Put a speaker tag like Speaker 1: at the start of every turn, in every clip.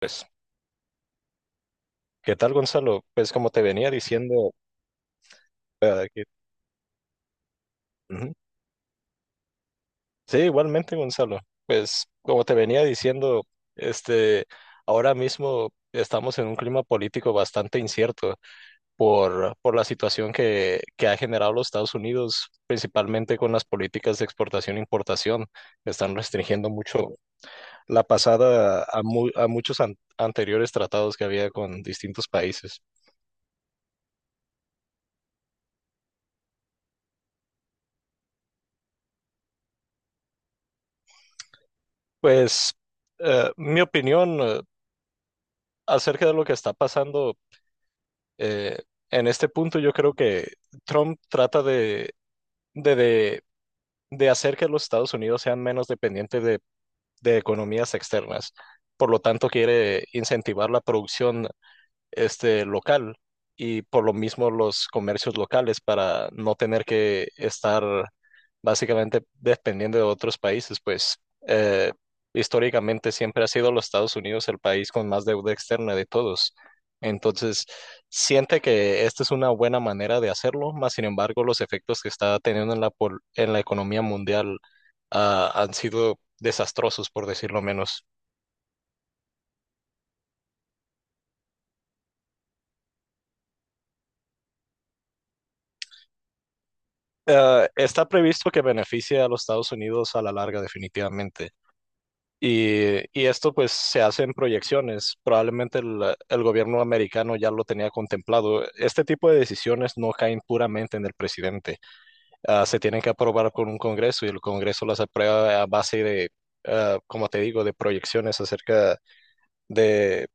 Speaker 1: Pues, ¿qué tal, Gonzalo? Pues, como te venía diciendo, eh, que- ujú. Sí, igualmente, Gonzalo. Pues, como te venía diciendo, este, ahora mismo estamos en un clima político bastante incierto por la situación que ha generado los Estados Unidos, principalmente con las políticas de exportación e importación. Están restringiendo mucho la pasada a, a muchos anteriores tratados que había con distintos países. Pues, mi opinión acerca de lo que está pasando eh, en este punto, yo creo que Trump trata de, de, de hacer que los Estados Unidos sean menos dependientes de economías externas. Por lo tanto, quiere incentivar la producción local y por lo mismo los comercios locales para no tener que estar básicamente dependiendo de otros países, pues eh, históricamente siempre ha sido los Estados Unidos el país con más deuda externa de todos. Entonces, siente que esta es una buena manera de hacerlo, más sin embargo, los efectos que está teniendo en en la economía mundial han sido desastrosos, por decirlo menos. Está previsto que beneficie a los Estados Unidos a la larga, definitivamente. Y esto pues se hace en proyecciones. Probablemente el gobierno americano ya lo tenía contemplado. Este tipo de decisiones no caen puramente en el presidente. Se tienen que aprobar con un Congreso y el Congreso las aprueba a base de, como te digo, de proyecciones acerca de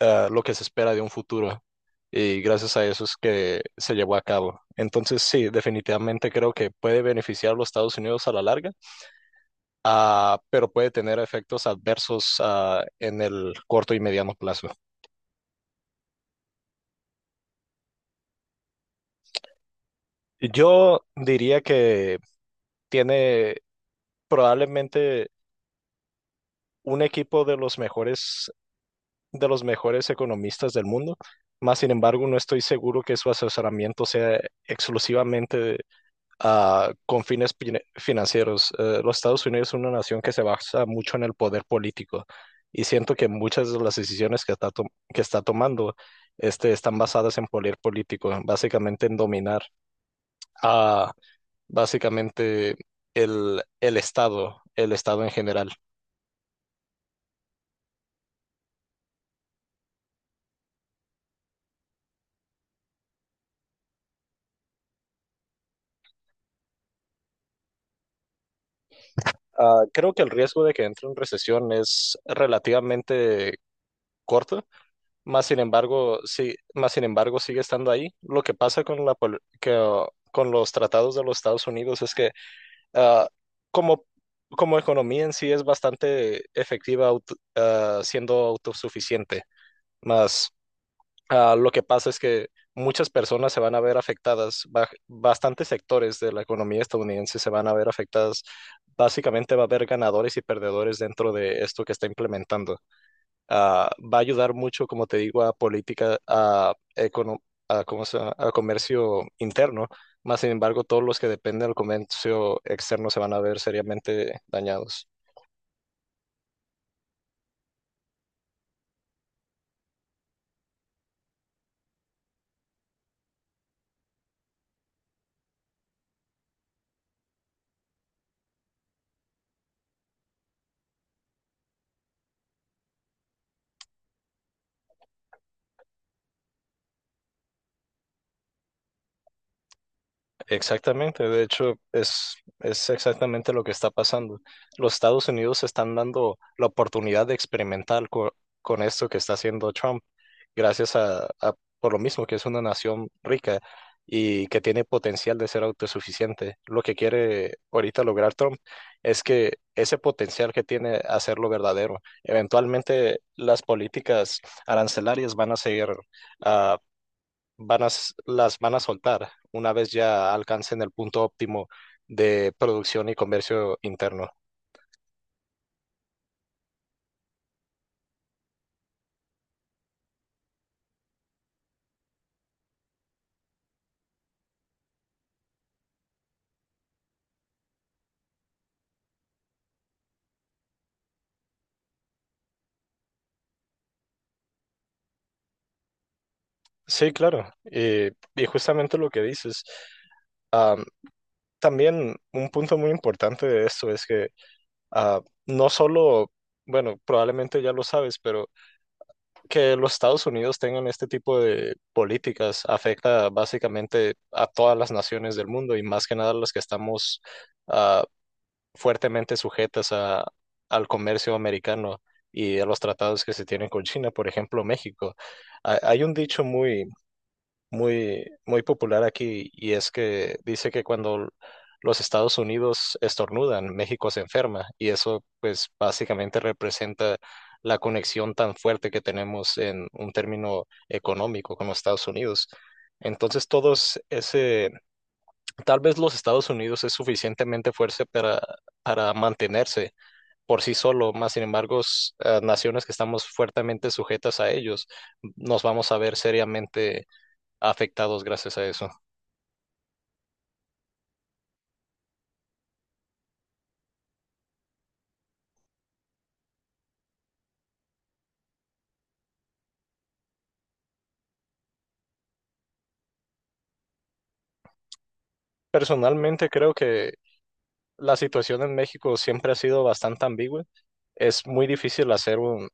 Speaker 1: lo que se espera de un futuro. Y gracias a eso es que se llevó a cabo. Entonces, sí, definitivamente creo que puede beneficiar a los Estados Unidos a la larga, pero puede tener efectos adversos en el corto y mediano plazo. Yo diría que tiene probablemente un equipo de los mejores economistas del mundo. Más sin embargo, no estoy seguro que su asesoramiento sea exclusivamente con fines financieros. Los Estados Unidos es una nación que se basa mucho en el poder político y siento que muchas de las decisiones que que está tomando están basadas en poder político, básicamente en dominar a básicamente el Estado en general. Creo que el riesgo de que entre en recesión es relativamente corto. Más sin embargo, sí, más sin embargo sigue estando ahí. Lo que pasa con la con los tratados de los Estados Unidos es que ah, como, como economía en sí es bastante efectiva siendo autosuficiente. Más lo que pasa es que muchas personas se van a ver afectadas, bastantes sectores de la economía estadounidense se van a ver afectadas. Básicamente va a haber ganadores y perdedores dentro de esto que está implementando, va a ayudar mucho, como te digo, a política, a, ¿cómo se llama? A comercio interno. Más sin embargo, todos los que dependen del comercio externo se van a ver seriamente dañados. Exactamente, de hecho, es exactamente lo que está pasando. Los Estados Unidos están dando la oportunidad de experimentar con esto que está haciendo Trump. Gracias por lo mismo que es una nación rica y que tiene potencial de ser autosuficiente. Lo que quiere ahorita lograr Trump es que ese potencial que tiene hacerlo verdadero. Eventualmente las políticas arancelarias van a seguir, ah, van las van a soltar una vez ya alcancen el punto óptimo de producción y comercio interno. Sí, claro. Y justamente lo que dices. También un punto muy importante de esto es que ah, no solo, bueno, probablemente ya lo sabes, pero que los Estados Unidos tengan este tipo de políticas afecta básicamente a todas las naciones del mundo y más que nada las que estamos ah, fuertemente sujetas a, al comercio americano y a los tratados que se tienen con China, por ejemplo, México. Hay un dicho muy popular aquí y es que dice que cuando los Estados Unidos estornudan, México se enferma y eso pues básicamente representa la conexión tan fuerte que tenemos en un término económico con los Estados Unidos. Entonces todos ese, tal vez los Estados Unidos es suficientemente fuerte para mantenerse por sí solo, más sin embargo, naciones que estamos fuertemente sujetas a ellos, nos vamos a ver seriamente afectados gracias a eso. Personalmente creo que la situación en México siempre ha sido bastante ambigua. Es muy difícil hacer un,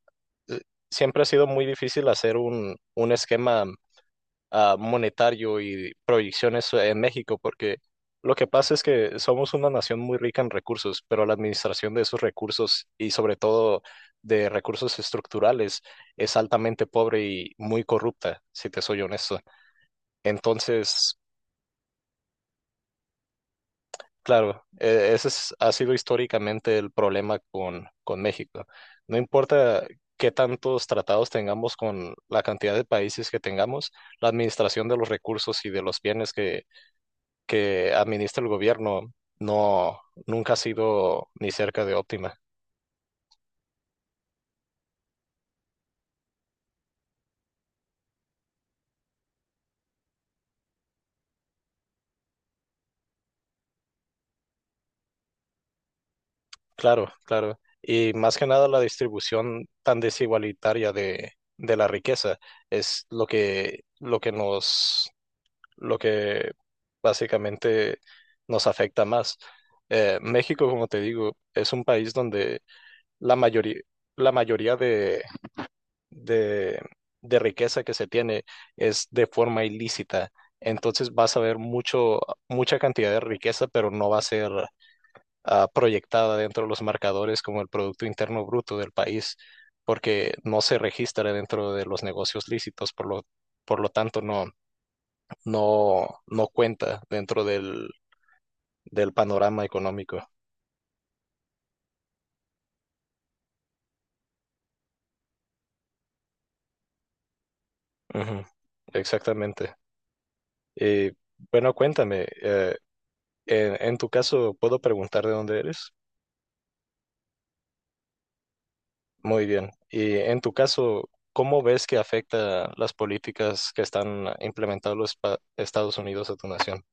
Speaker 1: eh, siempre ha sido muy difícil hacer un esquema monetario y proyecciones en México, porque lo que pasa es que somos una nación muy rica en recursos, pero la administración de esos recursos y sobre todo de recursos estructurales es altamente pobre y muy corrupta, si te soy honesto. Entonces, claro, ese ha sido históricamente el problema con México. No importa qué tantos tratados tengamos con la cantidad de países que tengamos, la administración de los recursos y de los bienes que administra el gobierno no, nunca ha sido ni cerca de óptima. Claro, claro. Y más que nada la distribución tan desigualitaria de la riqueza es lo que nos lo que básicamente nos afecta más. México, como te digo, es un país donde la mayoría, la mayoría de, de riqueza que se tiene es de forma ilícita. Entonces vas a ver mucho, mucha cantidad de riqueza, pero no va a ser proyectada dentro de los marcadores como el Producto Interno Bruto del país, porque no se registra dentro de los negocios lícitos, por lo tanto no cuenta dentro del panorama económico. Ujú, exactamente. Y bueno, cuéntame, en tu caso, ¿puedo preguntar de dónde eres? Muy bien. Y en tu caso, ¿cómo ves que afecta las políticas que están implementando los Estados Unidos a tu nación?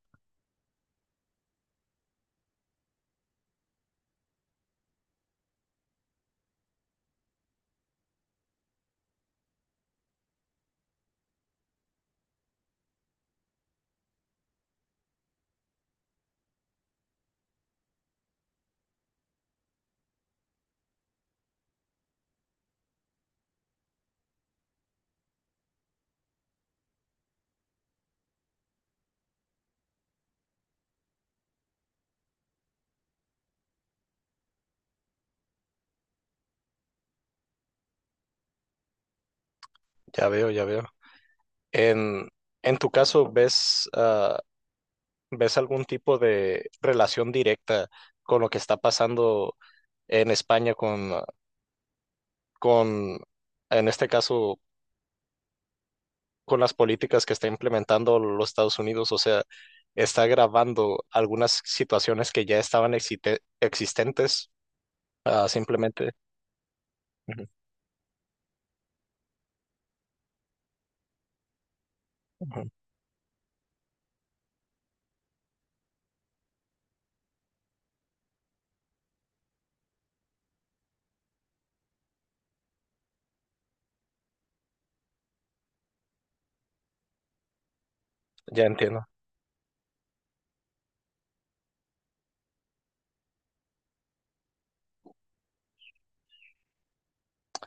Speaker 1: Ya veo, ya veo. En, en tu caso, ¿ves, ves algún tipo de relación directa con lo que está pasando en España con en este caso, con las políticas que está implementando los Estados Unidos, o sea, está agravando algunas situaciones que ya estaban existentes, simplemente. Ujú, ujú, ya entiendo.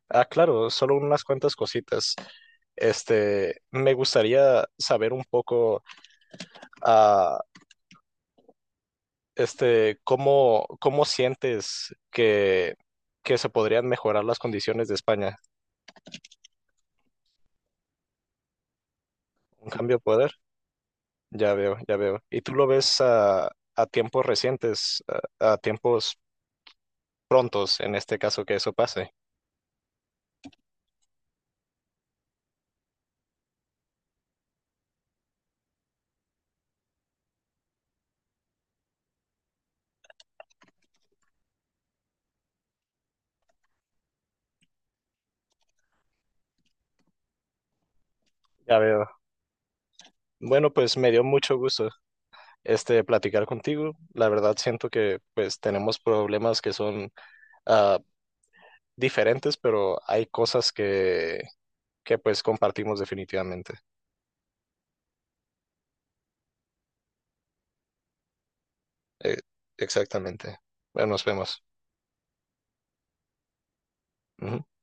Speaker 1: Ah, claro, solo unas cuantas cositas. Me gustaría saber un poco, ah, cómo, cómo sientes que se podrían mejorar las condiciones de España. ¿Un cambio de poder? Ya veo, ya veo. ¿Y tú lo ves a tiempos recientes, a tiempos prontos, en este caso que eso pase? Ya veo. Bueno, pues me dio mucho gusto platicar contigo. La verdad siento que pues tenemos problemas que son ah, diferentes, pero hay cosas que pues compartimos definitivamente. Eh, Exactamente. Bueno, nos vemos. Ujú.